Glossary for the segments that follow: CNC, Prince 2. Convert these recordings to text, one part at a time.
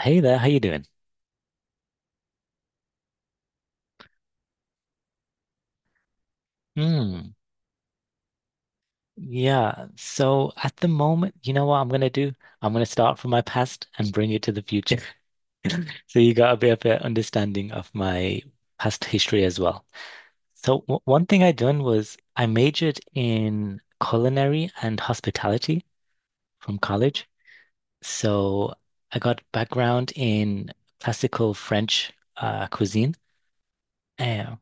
Hey there, how you doing? Mm, yeah. So at the moment, you know what I'm gonna do? I'm gonna start from my past and bring it to the future. So you got a bit of an understanding of my past history as well. So w one thing I done was I majored in culinary and hospitality from college. So I got background in classical French cuisine. Uh,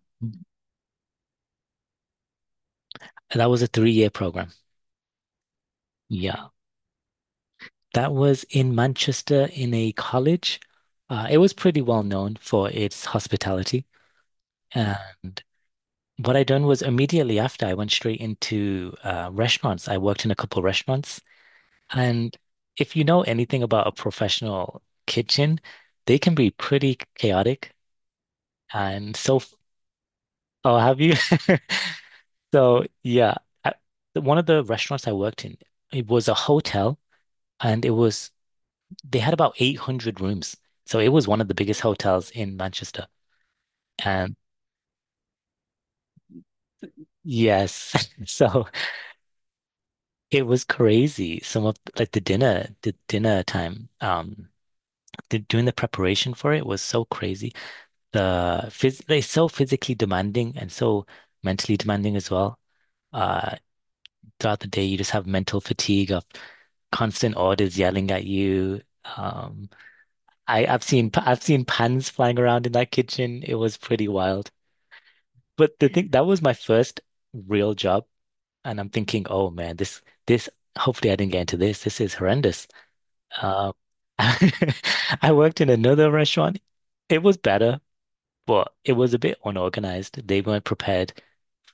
that was a three-year program. Yeah. That was in Manchester in a college. It was pretty well known for its hospitality. And what I done was immediately after I went straight into restaurants. I worked in a couple restaurants. And if you know anything about a professional kitchen, they can be pretty chaotic. And so, oh, have you? So, yeah, I, one of the restaurants I worked in, it was a hotel and it was they had about 800 rooms. So it was one of the biggest hotels in Manchester. And yes, so it was crazy. Some of like the dinner time, the, doing the preparation for it was so crazy. The phys like so physically demanding and so mentally demanding as well. Uh, throughout the day, you just have mental fatigue of constant orders yelling at you. Um, I've seen pans flying around in that kitchen. It was pretty wild. But the thing that was my first real job, and I'm thinking, oh man, this hopefully I didn't get into this. This is horrendous. Uh, I worked in another restaurant. It was better, but it was a bit unorganized. They weren't prepared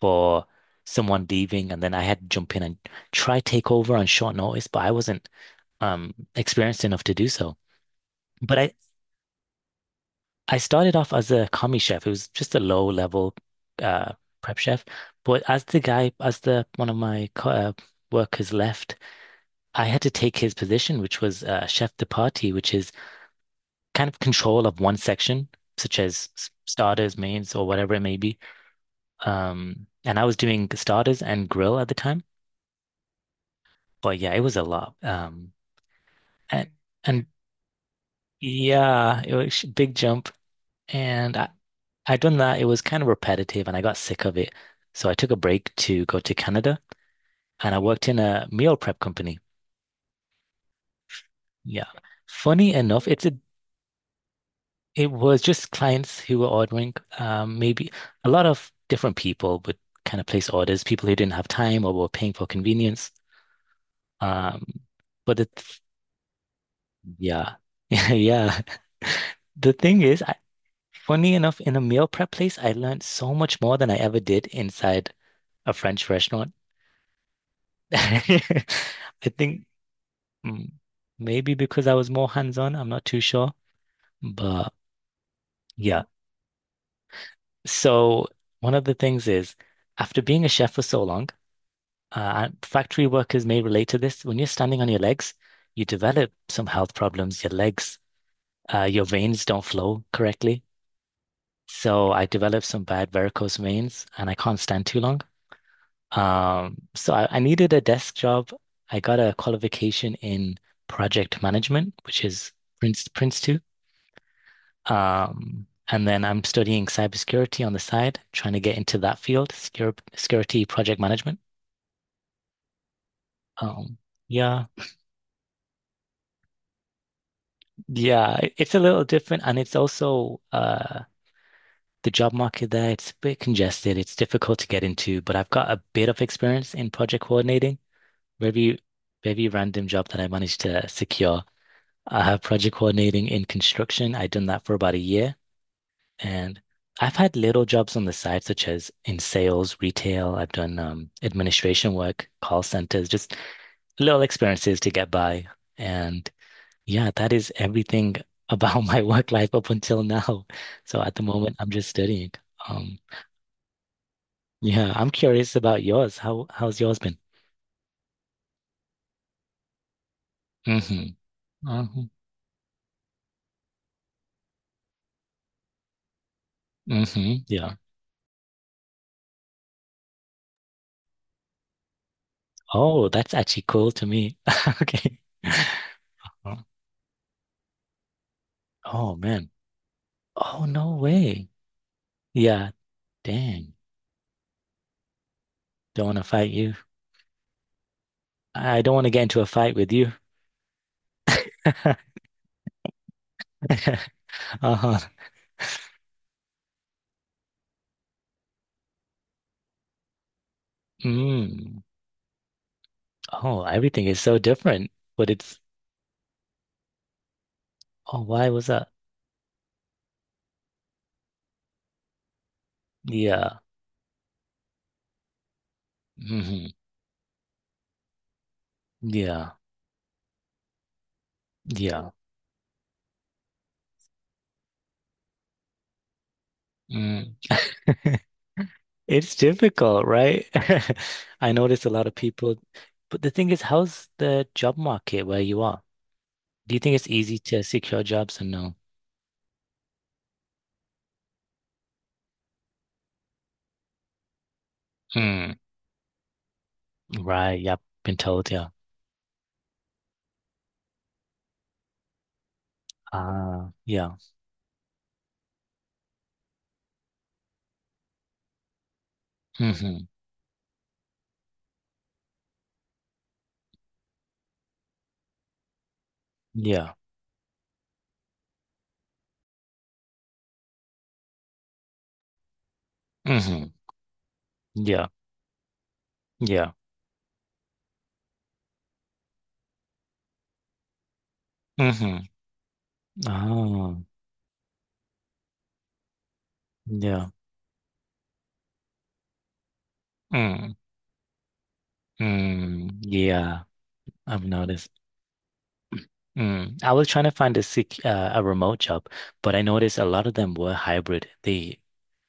for someone leaving, and then I had to jump in and try take over on short notice, but I wasn't experienced enough to do so. But I, I started off as a commie chef. It was just a low level uh, prep chef. But as the one of my co workers left, I had to take his position, which was chef de partie, which is kind of control of one section, such as starters, mains, or whatever it may be. And I was doing starters and grill at the time. But yeah, it was a lot. And and yeah, it was a big jump. And I, I'd done that. It was kind of repetitive and I got sick of it. So I took a break to go to Canada and I worked in a meal prep company. Yeah. Funny enough, it was just clients who were ordering. Maybe a lot of different people would kind of place orders, people who didn't have time or were paying for convenience. Um, but it, yeah, yeah. The thing is, I, funny enough, in a meal prep place, I learned so much more than I ever did inside a French restaurant. I think mm, maybe because I was more hands-on, I'm not too sure. But yeah. So one of the things is after being a chef for so long, and factory workers may relate to this. When you're standing on your legs, you develop some health problems. Your legs, your veins don't flow correctly. So I developed some bad varicose veins and I can't stand too long. I needed a desk job. I got a qualification in project management, which is Prince 2. And then I'm studying cybersecurity on the side, trying to get into that field, secure, security project management. Um, yeah, yeah, it- it's a little different, and it's also the job market there. It's a bit congested. It's difficult to get into, but I've got a bit of experience in project coordinating. Very, very random job that I managed to secure. I have project coordinating in construction. I've done that for about a year. And I've had little jobs on the side, such as in sales, retail. I've done administration work, call centers, just little experiences to get by. And yeah, that is everything about my work life up until now. So at the moment, I'm just studying. Um, yeah, I'm curious about yours. How's yours been? Hmm hmm hmm Yeah. Oh, that's actually cool to me. Okay. Oh, oh, man. Oh, no way. Yeah, dang. Don't want to fight you. I don't want to get into a fight with you. Uh-huh. Mm. Oh, everything is so different. But it's, oh, why was that? Yeah. hmm Yeah. Yeah. Mm. It's difficult, right? I notice a lot of people, but the thing is, how's the job market where you are? Do you think it's easy to secure jobs or no? Mm. Right. Yep. Been told. Yeah. Ah, yeah. hmm Yeah. hmm Yeah. Yeah. hmm Oh, yeah. Mm. Mm. Yeah. I've noticed. Mm. I was trying to find a sec a remote job, but I noticed a lot of them were hybrid. They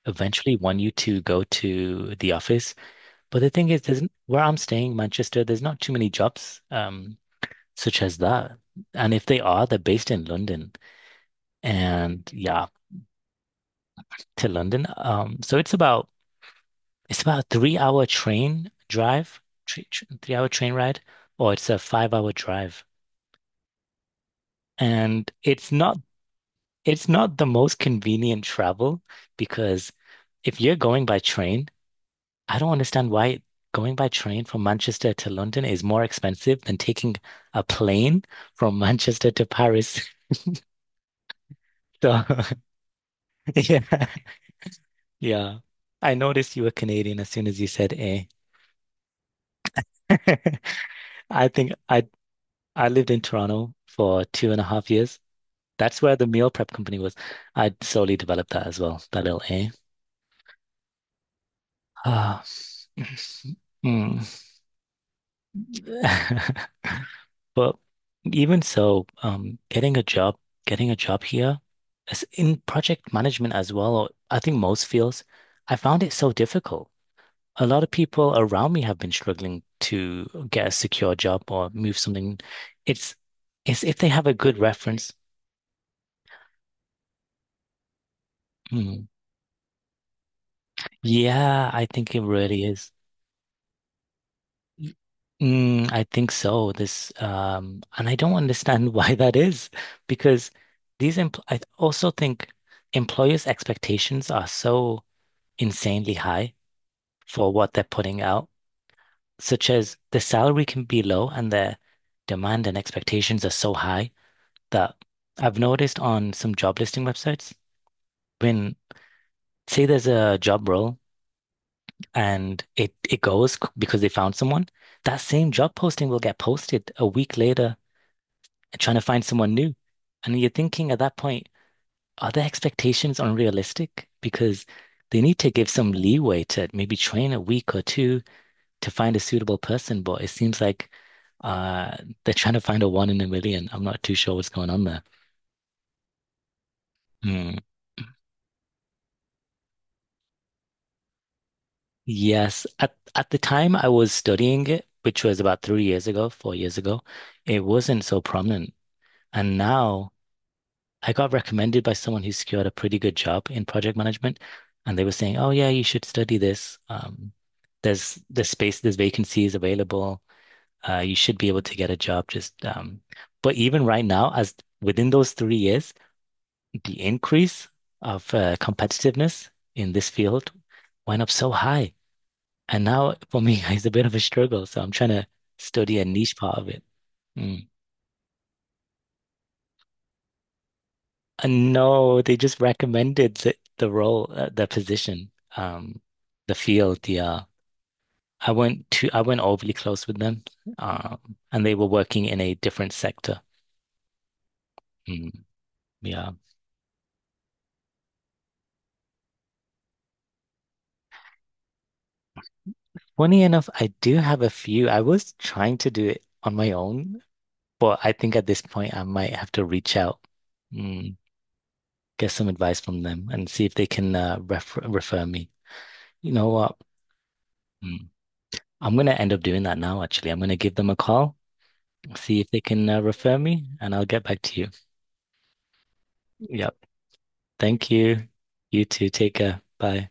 eventually want you to go to the office, but the thing is, there's where I'm staying, Manchester, there's not too many jobs such as that. And if they are, they're based in London. And yeah, to London. It's about a 3 hour train drive, three, 3 hour train ride, or it's a 5 hour drive. And it's not the most convenient travel because if you're going by train, I don't understand why going by train from Manchester to London is more expensive than taking a plane from Manchester to Paris. So yeah, yeah. I noticed you were Canadian as soon as you said eh. I think I lived in Toronto for two and a half years. That's where the meal prep company was. I slowly developed that as well, that little A. Ah. Mm. But even so, getting a job here, as in project management as well, or I think most fields, I found it so difficult. A lot of people around me have been struggling to get a secure job or move something. It's it's if they have a good reference. Mm. Yeah, I think it really is. Mm, I think so. And I don't understand why that is, because these empl I also think employers' expectations are so insanely high for what they're putting out, such as the salary can be low and their demand and expectations are so high that I've noticed on some job listing websites when say there's a job role and it because they found someone, that same job posting will get posted a week later trying to find someone new. And you're thinking at that point, are their expectations unrealistic? Because they need to give some leeway to maybe train a week or two to find a suitable person. But it seems like uh, they're trying to find a one in a million. I'm not too sure what's going on there. Hmm. Yes, at the time I was studying it, which was about 3 years ago, 4 years ago, it wasn't so prominent. And now I got recommended by someone who secured a pretty good job in project management, and they were saying, "Oh yeah, you should study this. There's space, there's vacancies available. You should be able to get a job." Just but even right now, as within those 3 years, the increase of competitiveness in this field went up so high, and now for me, it's a bit of a struggle. So I'm trying to study a niche part of it. Mm. No, they just recommended the role, the position, um, the field. Yeah, I went overly close with them, and they were working in a different sector. Mm, yeah. Funny enough, I do have a few. I was trying to do it on my own, but I think at this point I might have to reach out, mm, get some advice from them, and see if they can refer me. You know what? Mm, I'm gonna end up doing that now, actually. I'm gonna give them a call see if they can refer me, and I'll get back to you. Yep. Thank you. You too. Take care. Bye.